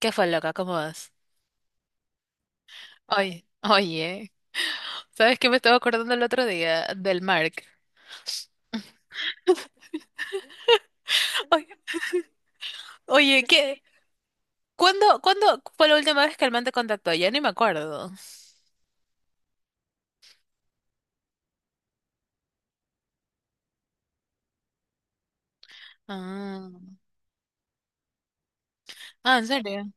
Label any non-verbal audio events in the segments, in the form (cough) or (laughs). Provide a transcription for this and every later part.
¿Qué fue, loca? ¿Cómo vas? Oye, oye, ¿sabes qué me estaba acordando el otro día del Mark? Oye, oye, ¿qué? ¿Cuándo fue la última vez que el man te contactó? Ya ni me acuerdo. Ah, ah, ¿en serio?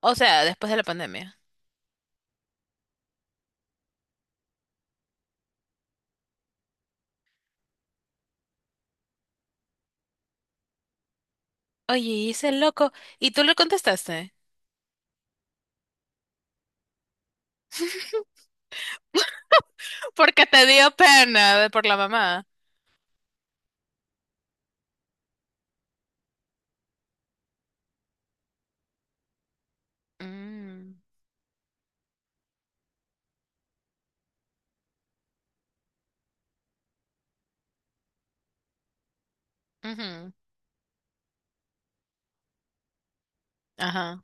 O sea, después de la pandemia. Oye, y ese loco, ¿y tú le contestaste? (laughs) Porque te dio pena de- por la mamá. Mm, ujú, ajá,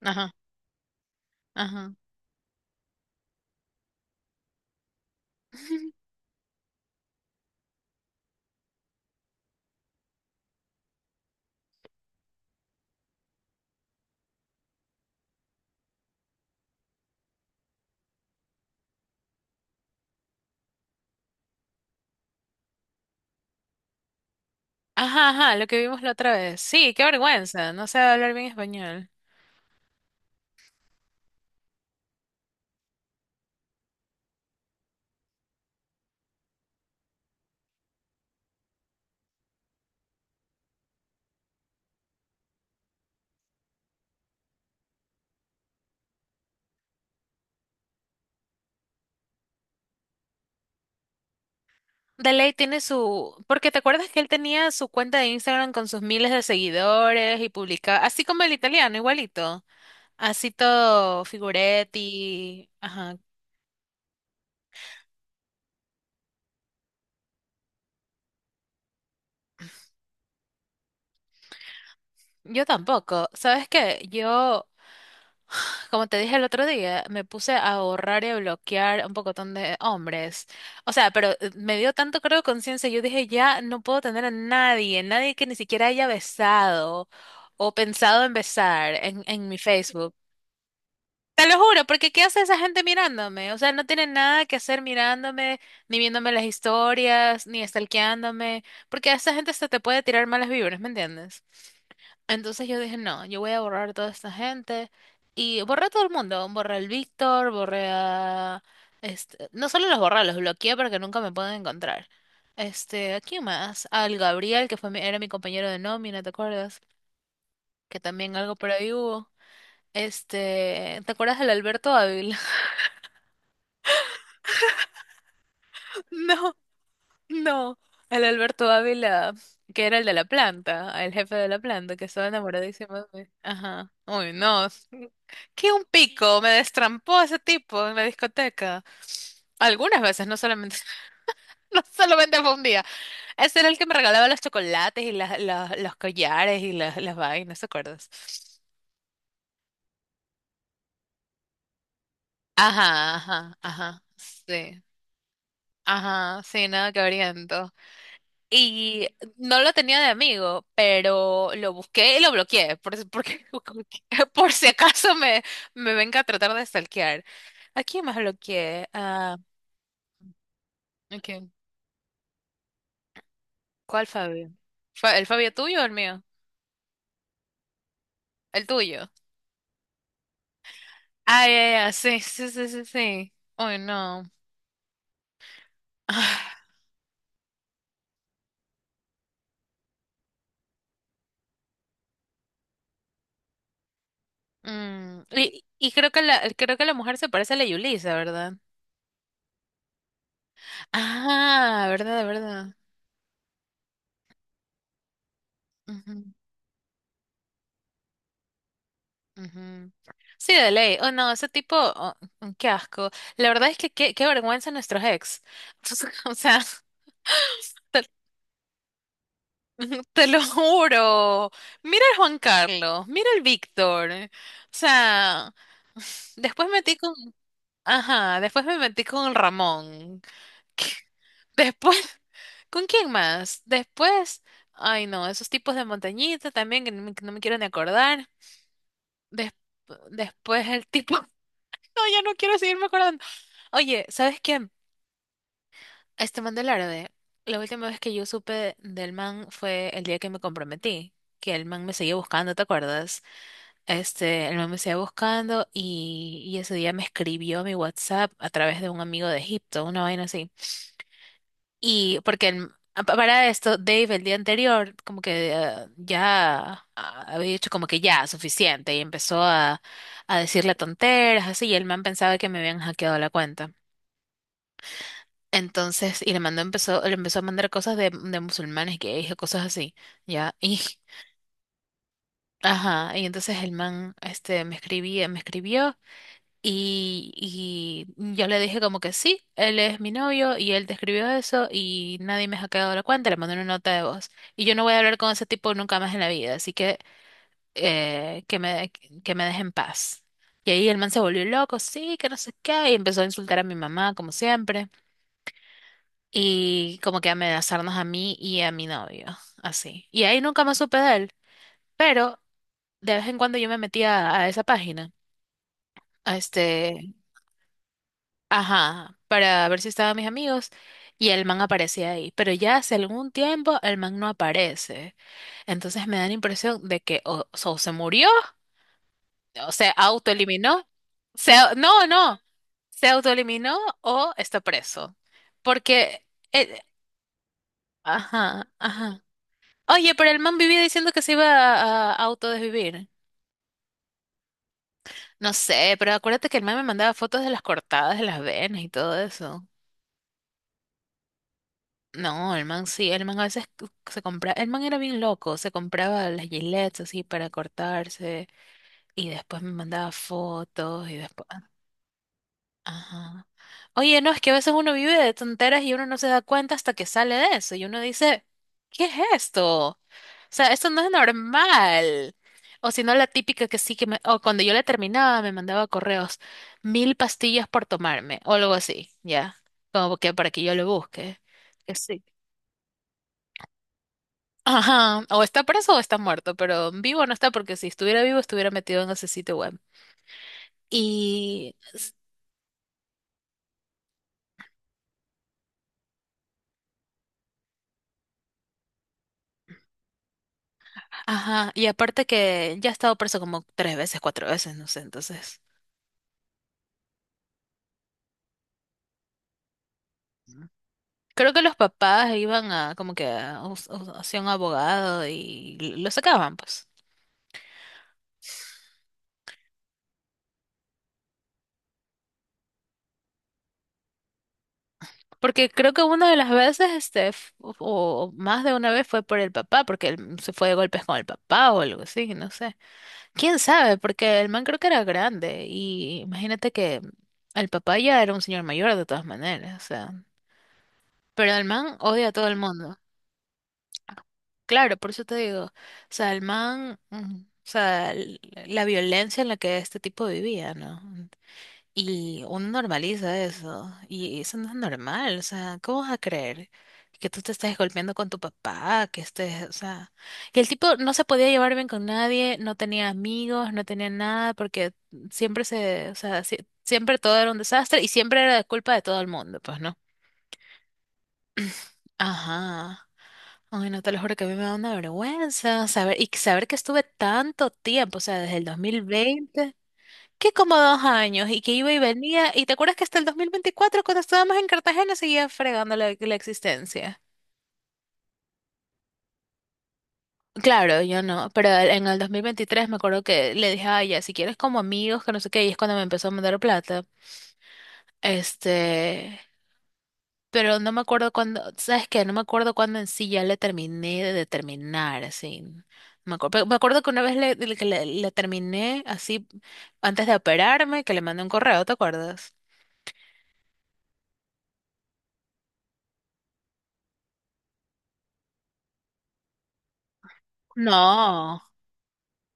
ajá, ajá. (laughs) Ajá, ajá, lo que vimos la otra vez. Sí, qué vergüenza, no sé hablar bien español. De ley tiene su, porque te acuerdas que él tenía su cuenta de Instagram con sus miles de seguidores y publicaba, así como el italiano, igualito, así todo Figuretti, ajá. Yo tampoco. ¿Sabes qué? Yo, como te dije el otro día, me puse a ahorrar y a bloquear un pocotón de hombres. O sea, pero me dio tanto creo conciencia, yo dije, ya no puedo tener a nadie, nadie que ni siquiera haya besado o pensado en besar en mi Facebook. Te lo juro, porque ¿qué hace esa gente mirándome? O sea, no tienen nada que hacer mirándome, ni viéndome las historias, ni stalkeándome, porque a esa gente hasta te puede tirar malas vibras, ¿me entiendes? Entonces yo dije, no, yo voy a borrar a toda esta gente. Y borré a todo el mundo, borré al Víctor, borré a... No solo los borré, los bloqueé para que nunca me puedan encontrar. ¿A quién más? Al Gabriel, que fue mi- era mi compañero de nómina, ¿te acuerdas? Que también algo por ahí hubo. ¿Te acuerdas del Alberto Ávila? No, no. Al Alberto Ávila, que era el de la planta, el jefe de la planta, que estaba enamoradísimo de mí. Ajá. Uy, no. Qué un pico, me destrampó ese tipo en la discoteca. Algunas veces, no solamente, (laughs) no solamente fue un día. Ese era el que me regalaba los chocolates y las- los collares y las vainas, ¿te acuerdas? Ajá, ajá, ajá. Sí. Ajá, sí, nada que oriento. Y no lo tenía de amigo, pero lo busqué y lo bloqueé, porque, (laughs) por si acaso me, me venga a tratar de stalkear. ¿A quién más bloqueé? Ah, ok. ¿Cuál Fabio? ¿Fa- ¿El Fabio tuyo o el mío? El tuyo. Ah, ya, ya, sí, sí, sí, sí, sí. Uy, no. Ah, mm, y creo que la mujer se parece a la Yulisa, ¿verdad? Ah, verdad, verdad. Ujú. Sí, de ley. Oh, no, ese tipo, oh, qué asco. La verdad es que qué vergüenza nuestros ex. (laughs) O sea, te, (laughs) te lo juro. Mira el Juan Carlos, mira el Víctor. O sea, (laughs) después metí con, ajá, después me metí con el Ramón. (laughs) Después, ¿con quién más? Después, ay no, esos tipos de montañita también que no me quiero ni acordar. Des- Después el tipo, (laughs) no, ya no quiero seguirme acordando. Oye, ¿sabes qué? Este man del árabe, la última vez que yo supe del man fue el día que me comprometí, que el man me seguía buscando, ¿te acuerdas? El man me seguía buscando y ese día me escribió a mi WhatsApp a través de un amigo de Egipto, una vaina así. Y porque para esto, Dave el día anterior como que ya había dicho como que ya, suficiente, y empezó a decirle tonteras, así, y el man pensaba que me habían hackeado la cuenta. Entonces, le empezó a mandar cosas de musulmanes, gays o cosas así, ¿ya? (laughs) Y, ajá, y entonces el man, este, me escribió y, y yo le dije como que sí, él es mi novio y él te escribió eso y nadie me ha quedado la cuenta, le mandé una nota de voz. Y yo no voy a hablar con ese tipo nunca más en la vida, así que eh, que me, que me deje en paz. Y ahí el man se volvió loco, sí, que no sé qué, y empezó a insultar a mi mamá, como siempre, y como que amenazarnos a mí y a mi novio, así. Y ahí nunca más supe de él, pero de vez en cuando yo me metía a esa página, a este, ajá, para ver si estaban mis amigos y el man aparecía ahí, pero ya hace algún tiempo el man no aparece. Entonces me da la impresión de que o se murió, o se autoeliminó, se, no, no, se autoeliminó o está preso, porque, eh, ajá, ajá. Oye, pero el man vivía diciendo que se iba a autodesvivir. No sé, pero acuérdate que el man me mandaba fotos de las cortadas de las venas y todo eso. No, el man sí, el man a veces c- se compraba, el man era bien loco, se compraba las gilets así para cortarse y después me mandaba fotos y después, ajá. Oye, no, es que a veces uno vive de tonteras y uno no se da cuenta hasta que sale de eso y uno dice, ¿qué es esto? O sea, esto no es normal. O si no, la típica que sí que me, o cuando yo la terminaba me mandaba correos, 1.000 pastillas por tomarme o algo así, ya, como que para que yo lo busque. Que sí. Ajá, o está preso o está muerto, pero vivo no está porque si estuviera vivo estuviera metido en ese sitio web. Y ajá, y aparte que ya ha estado preso como tres veces, cuatro veces, no sé, entonces. Creo que los papás iban a como que a, hacia un abogado y lo sacaban, pues. Porque creo que una de las veces, o más de una vez fue por el papá, porque él se fue de golpes con el papá o algo así, no sé. ¿Quién sabe? Porque el man creo que era grande y imagínate que el papá ya era un señor mayor de todas maneras, o sea. Pero el man odia a todo el mundo. Claro, por eso te digo, o sea, el man, mm, o sea, l- la violencia en la que este tipo vivía, ¿no? Y uno normaliza eso, y eso no es normal, o sea, ¿cómo vas a creer que tú te estés golpeando con tu papá, que estés, o sea, que el tipo no se podía llevar bien con nadie, no tenía amigos, no tenía nada, porque siempre se, o sea, siempre todo era un desastre y siempre era culpa de todo el mundo, pues, ¿no? Ajá. Ay, no te lo juro que a mí me da una vergüenza saber, y saber que estuve tanto tiempo, o sea, desde el 2020 que como 2 años, y que iba y venía, y te acuerdas que hasta el 2024 cuando estábamos en Cartagena, seguía fregando la existencia. Claro, yo no, pero en el 2023 me acuerdo que le dije, ay, ya, si quieres como amigos, que no sé qué, y es cuando me empezó a mandar plata, este, pero no me acuerdo cuándo, ¿sabes qué? No me acuerdo cuándo en sí ya le terminé de determinar, así. No me acuerdo, me acuerdo que una vez le terminé así antes de operarme, que le mandé un correo, ¿te acuerdas? No,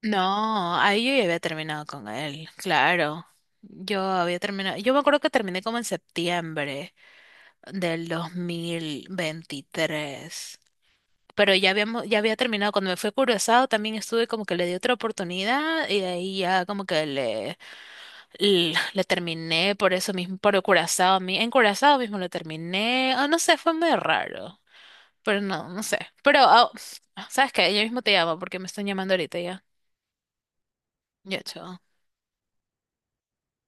no, ahí yo ya había terminado con él, claro. Yo había terminado, yo me acuerdo que terminé como en septiembre del 2023, pero ya habíamos, ya había terminado. Cuando me fue Curazao también estuve como que le di otra oportunidad y de ahí ya como que le terminé por eso mismo, por Curazao, mi- en Curazao mismo lo terminé. Ah, no sé, fue muy raro, pero no, no sé. Pero, ah, ¿sabes qué? Yo mismo te llamo porque me están llamando ahorita ya. Ya, chao.